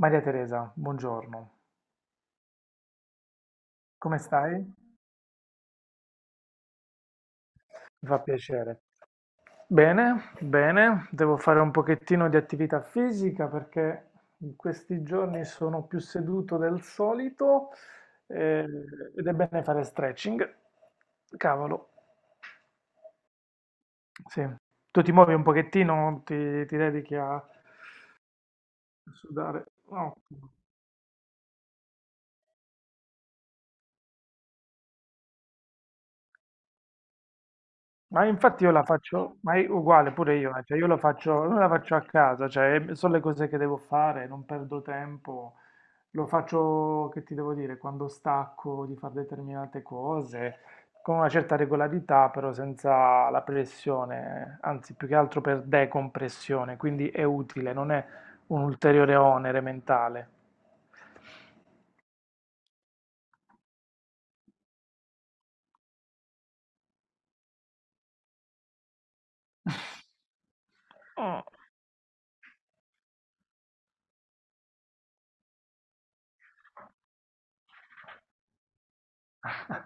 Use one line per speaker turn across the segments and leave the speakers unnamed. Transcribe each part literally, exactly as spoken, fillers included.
Maria Teresa, buongiorno. Come stai? Mi fa piacere. Bene, bene, devo fare un pochettino di attività fisica perché in questi giorni sono più seduto del solito, eh, ed è bene fare stretching. Cavolo, sì. Tu ti muovi un pochettino, ti, ti dedichi a sudare. No. Ma infatti io la faccio, ma è uguale pure io, eh, cioè io la faccio, non la faccio a casa, cioè sono le cose che devo fare, non perdo tempo, lo faccio, che ti devo dire, quando stacco di fare determinate cose, con una certa regolarità, però senza la pressione, anzi più che altro per decompressione, quindi è utile, non è un ulteriore onere mentale. Mm.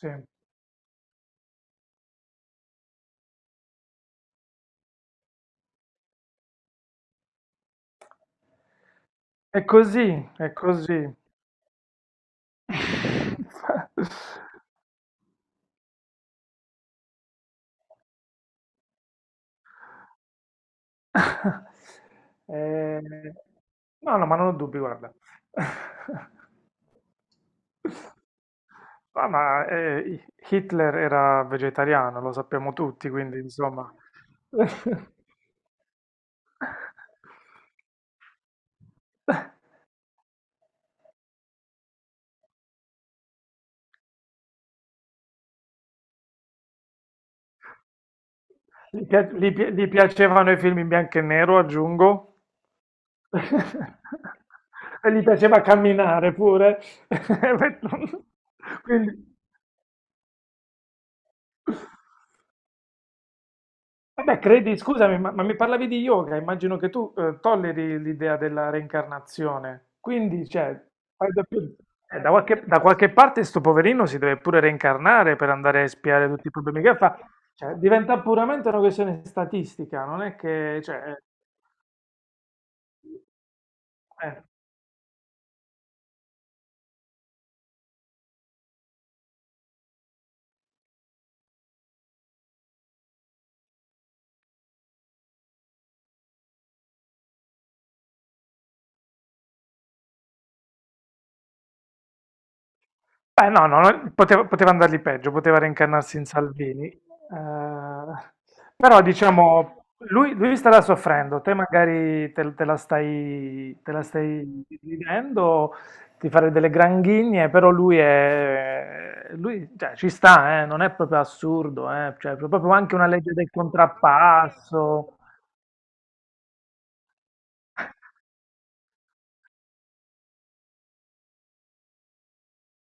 Sì. È così, è così. Ehm, no, no, ma non ho dubbi, guarda. Ah, ma eh, Hitler era vegetariano, lo sappiamo tutti, quindi insomma. Gli, pia- gli pi- gli piacevano i film in bianco e nero, aggiungo. E gli piaceva camminare pure. Quindi, vabbè, credi, scusami, ma, ma mi parlavi di yoga, immagino che tu, eh, tolleri l'idea della reincarnazione. Quindi, cioè, fai da più- eh, da qualche, da qualche parte sto poverino si deve pure reincarnare per andare a spiare tutti i problemi che fa. Cioè, diventa puramente una questione statistica, non è che, cioè, eh. Beh, no, no, no, poteva, poteva andargli peggio, poteva reincarnarsi in Salvini. Eh, però diciamo, lui, lui starà soffrendo, te magari te, te la stai, te la stai vivendo, ti farei delle granghigne, però lui è, lui, cioè, ci sta, eh, non è proprio assurdo, eh, cioè, è proprio anche una legge del contrappasso.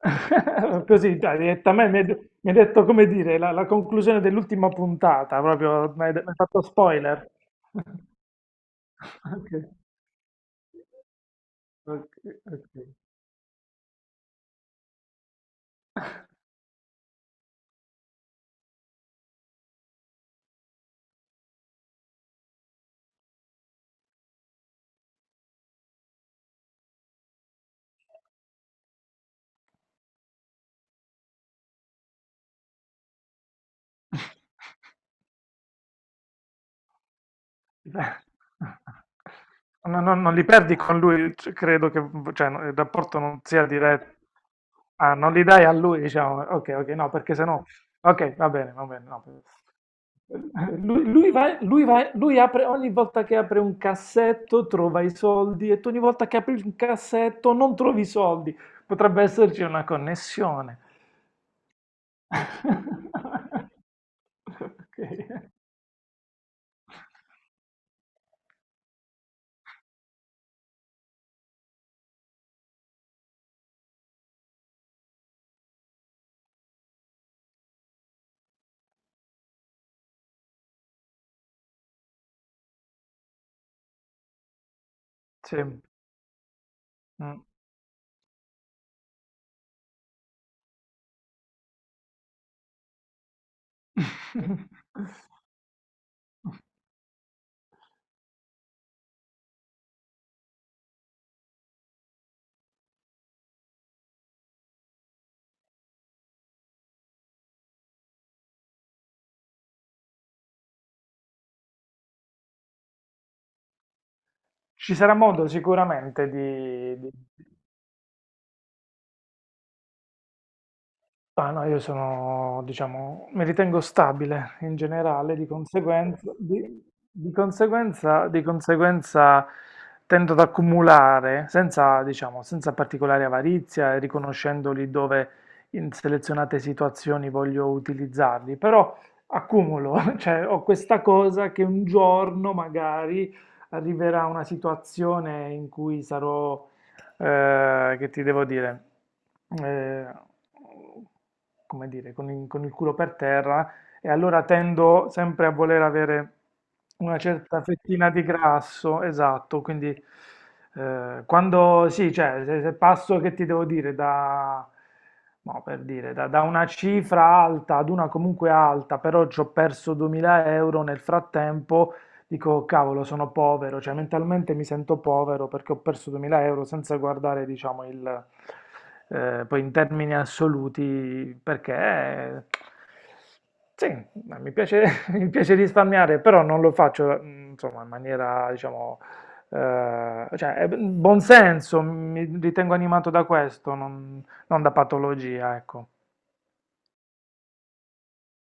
Così, dai, diretta a me mi hai de- mi hai detto come dire la, la conclusione dell'ultima puntata, proprio mi hai de- mi hai fatto spoiler. Ok, ok, ok. Beh, no no non li perdi con lui, c credo che v cioè, no, il rapporto non sia dire, ah, non li dai a lui diciamo, okay, okay, no, perché se no okay, va bene, va bene, no. Lui lui va lui va lui apre, ogni volta che apre un cassetto trova i soldi, e tu ogni volta che apri un cassetto non trovi i soldi. Potrebbe esserci una connessione. Okay. Sì, mh. Ci sarà modo sicuramente di, di- Ah, no, io sono, diciamo, mi ritengo stabile in generale, di conseguenza, di, di conseguenza, di conseguenza tendo ad accumulare senza, diciamo, senza particolare avarizia e riconoscendoli dove in selezionate situazioni voglio utilizzarli, però accumulo, cioè ho questa cosa che un giorno magari arriverà una situazione in cui sarò, eh, che ti devo dire, eh, come dire, con il, con il culo per terra, e allora tendo sempre a voler avere una certa fettina di grasso, esatto, quindi, eh, quando, sì, cioè, se, se passo, che ti devo dire, da, no, per dire, da, da una cifra alta ad una comunque alta, però ci ho perso duemila euro nel frattempo. Dico, cavolo, sono povero, cioè mentalmente mi sento povero perché ho perso duemila euro senza guardare, diciamo, il, eh, poi in termini assoluti, perché, eh, sì, ma mi piace, mi piace risparmiare, però non lo faccio, mm, insomma, in maniera, diciamo, eh, cioè, è buon senso, mi ritengo animato da questo, non, non da patologia, ecco.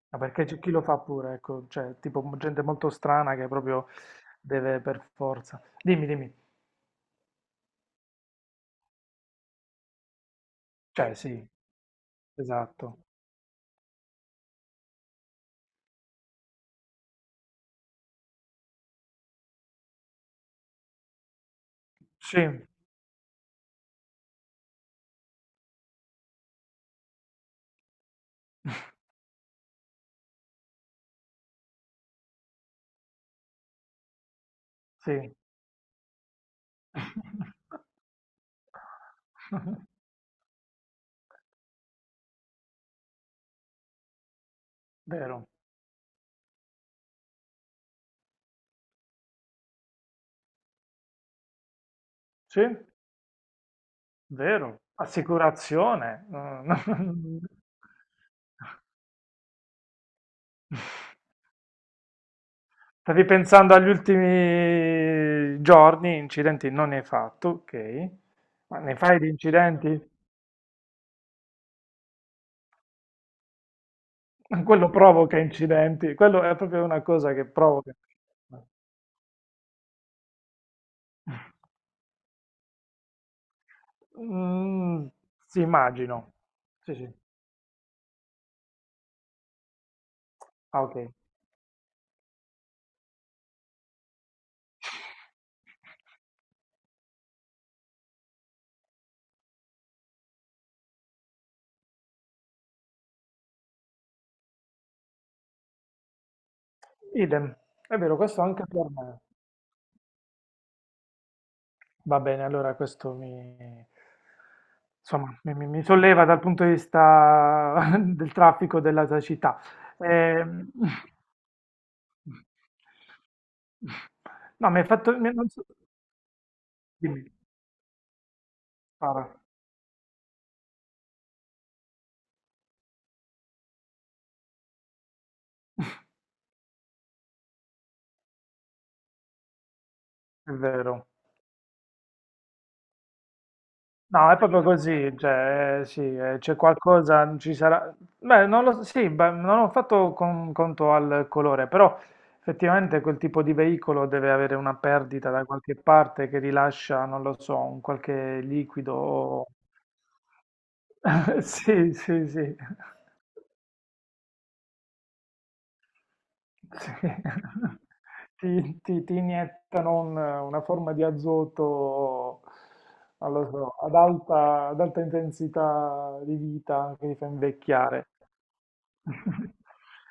Ma perché c'è chi lo fa pure, ecco, cioè, tipo gente molto strana che proprio deve per forza. Dimmi, dimmi. Cioè sì, esatto. Sì, sì. Vero. Sì, vero. Assicurazione. Mm. Stavi pensando agli ultimi giorni, incidenti non ne hai fatto, ok. Ma ne fai di incidenti? Quello provoca incidenti, quello è proprio una cosa che provoca. Mm, sì, immagino. Sì, sì. Ah, ok. Idem, è vero, questo anche per me. Va bene, allora questo mi, insomma, mi, mi- mi solleva dal punto di vista del traffico, della cecità. Ehm, No, mi hai fatto... mi- non so- Dimmi, Sara. È vero. No, è proprio così, cioè, eh, sì, eh, c'è qualcosa, ci sarà... Beh, non lo so, sì, beh, non ho fatto con- conto al colore, però effettivamente quel tipo di veicolo deve avere una perdita da qualche parte che rilascia, non lo so, un qualche liquido. o- Sì, sì, sì. Sì. Ti ti ti iniettano un una forma di azoto, non lo so, ad alta ad alta intensità di vita che ti fa invecchiare.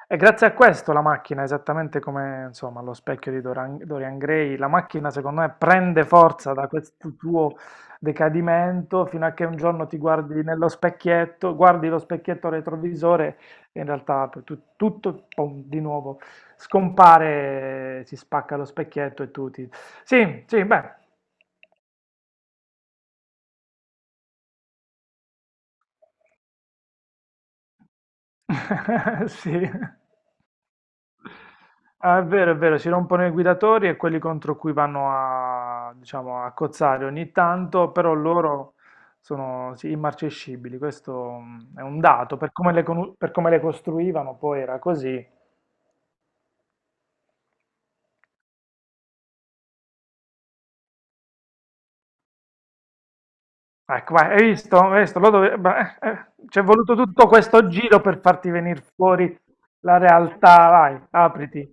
E grazie a questo la macchina, esattamente come insomma, lo specchio di Doran- Dorian Gray, la macchina secondo me prende forza da questo tuo decadimento fino a che un giorno ti guardi nello specchietto, guardi lo specchietto retrovisore, e in realtà per tu- tutto pom, di nuovo scompare, si spacca lo specchietto e tu ti... Sì, sì, beh, sì. Ah, è vero, è vero, si rompono i guidatori e quelli contro cui vanno a, diciamo, a cozzare ogni tanto, però loro sono, sì, immarcescibili, questo, mm, è un dato, per come le, conu- per come le costruivano poi era così. Ecco, vai, hai visto? Hai visto? Lo dove- beh, eh, eh, ci è voluto tutto questo giro per farti venire fuori la realtà, vai, apriti.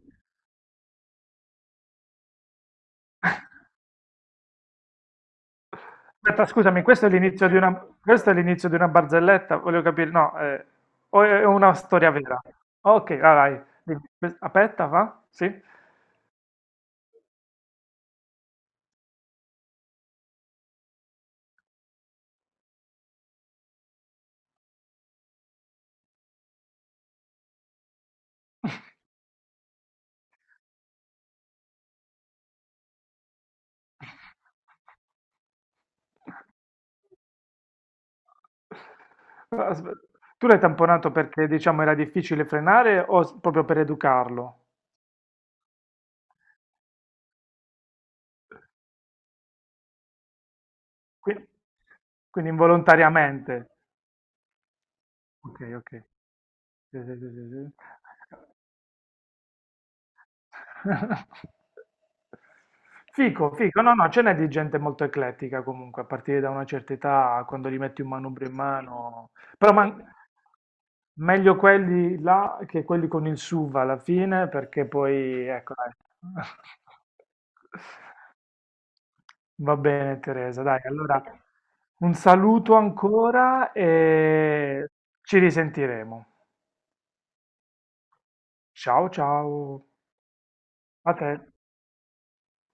Aspetta, scusami, questo è l'inizio di una, questo è l'inizio di una barzelletta, voglio capire, no, eh, o è una storia vera? Ok, vai, vai. Dimmi. Que- Aspetta, va? Sì? Ah, Aspe- Tu l'hai tamponato perché, diciamo, era difficile frenare o s- proprio per educarlo? Qui- Quindi involontariamente. Ok, ok. Sì, sì, sì, sì, sì. Fico, fico, no, no, ce n'è di gente molto eclettica comunque, a partire da una certa età, quando gli metti un manubrio in mano, però man- meglio quelli là che quelli con il SUV alla fine, perché poi, ecco, dai. Va bene, Teresa, dai, allora un saluto ancora e ci risentiremo. Ciao, ciao, a te.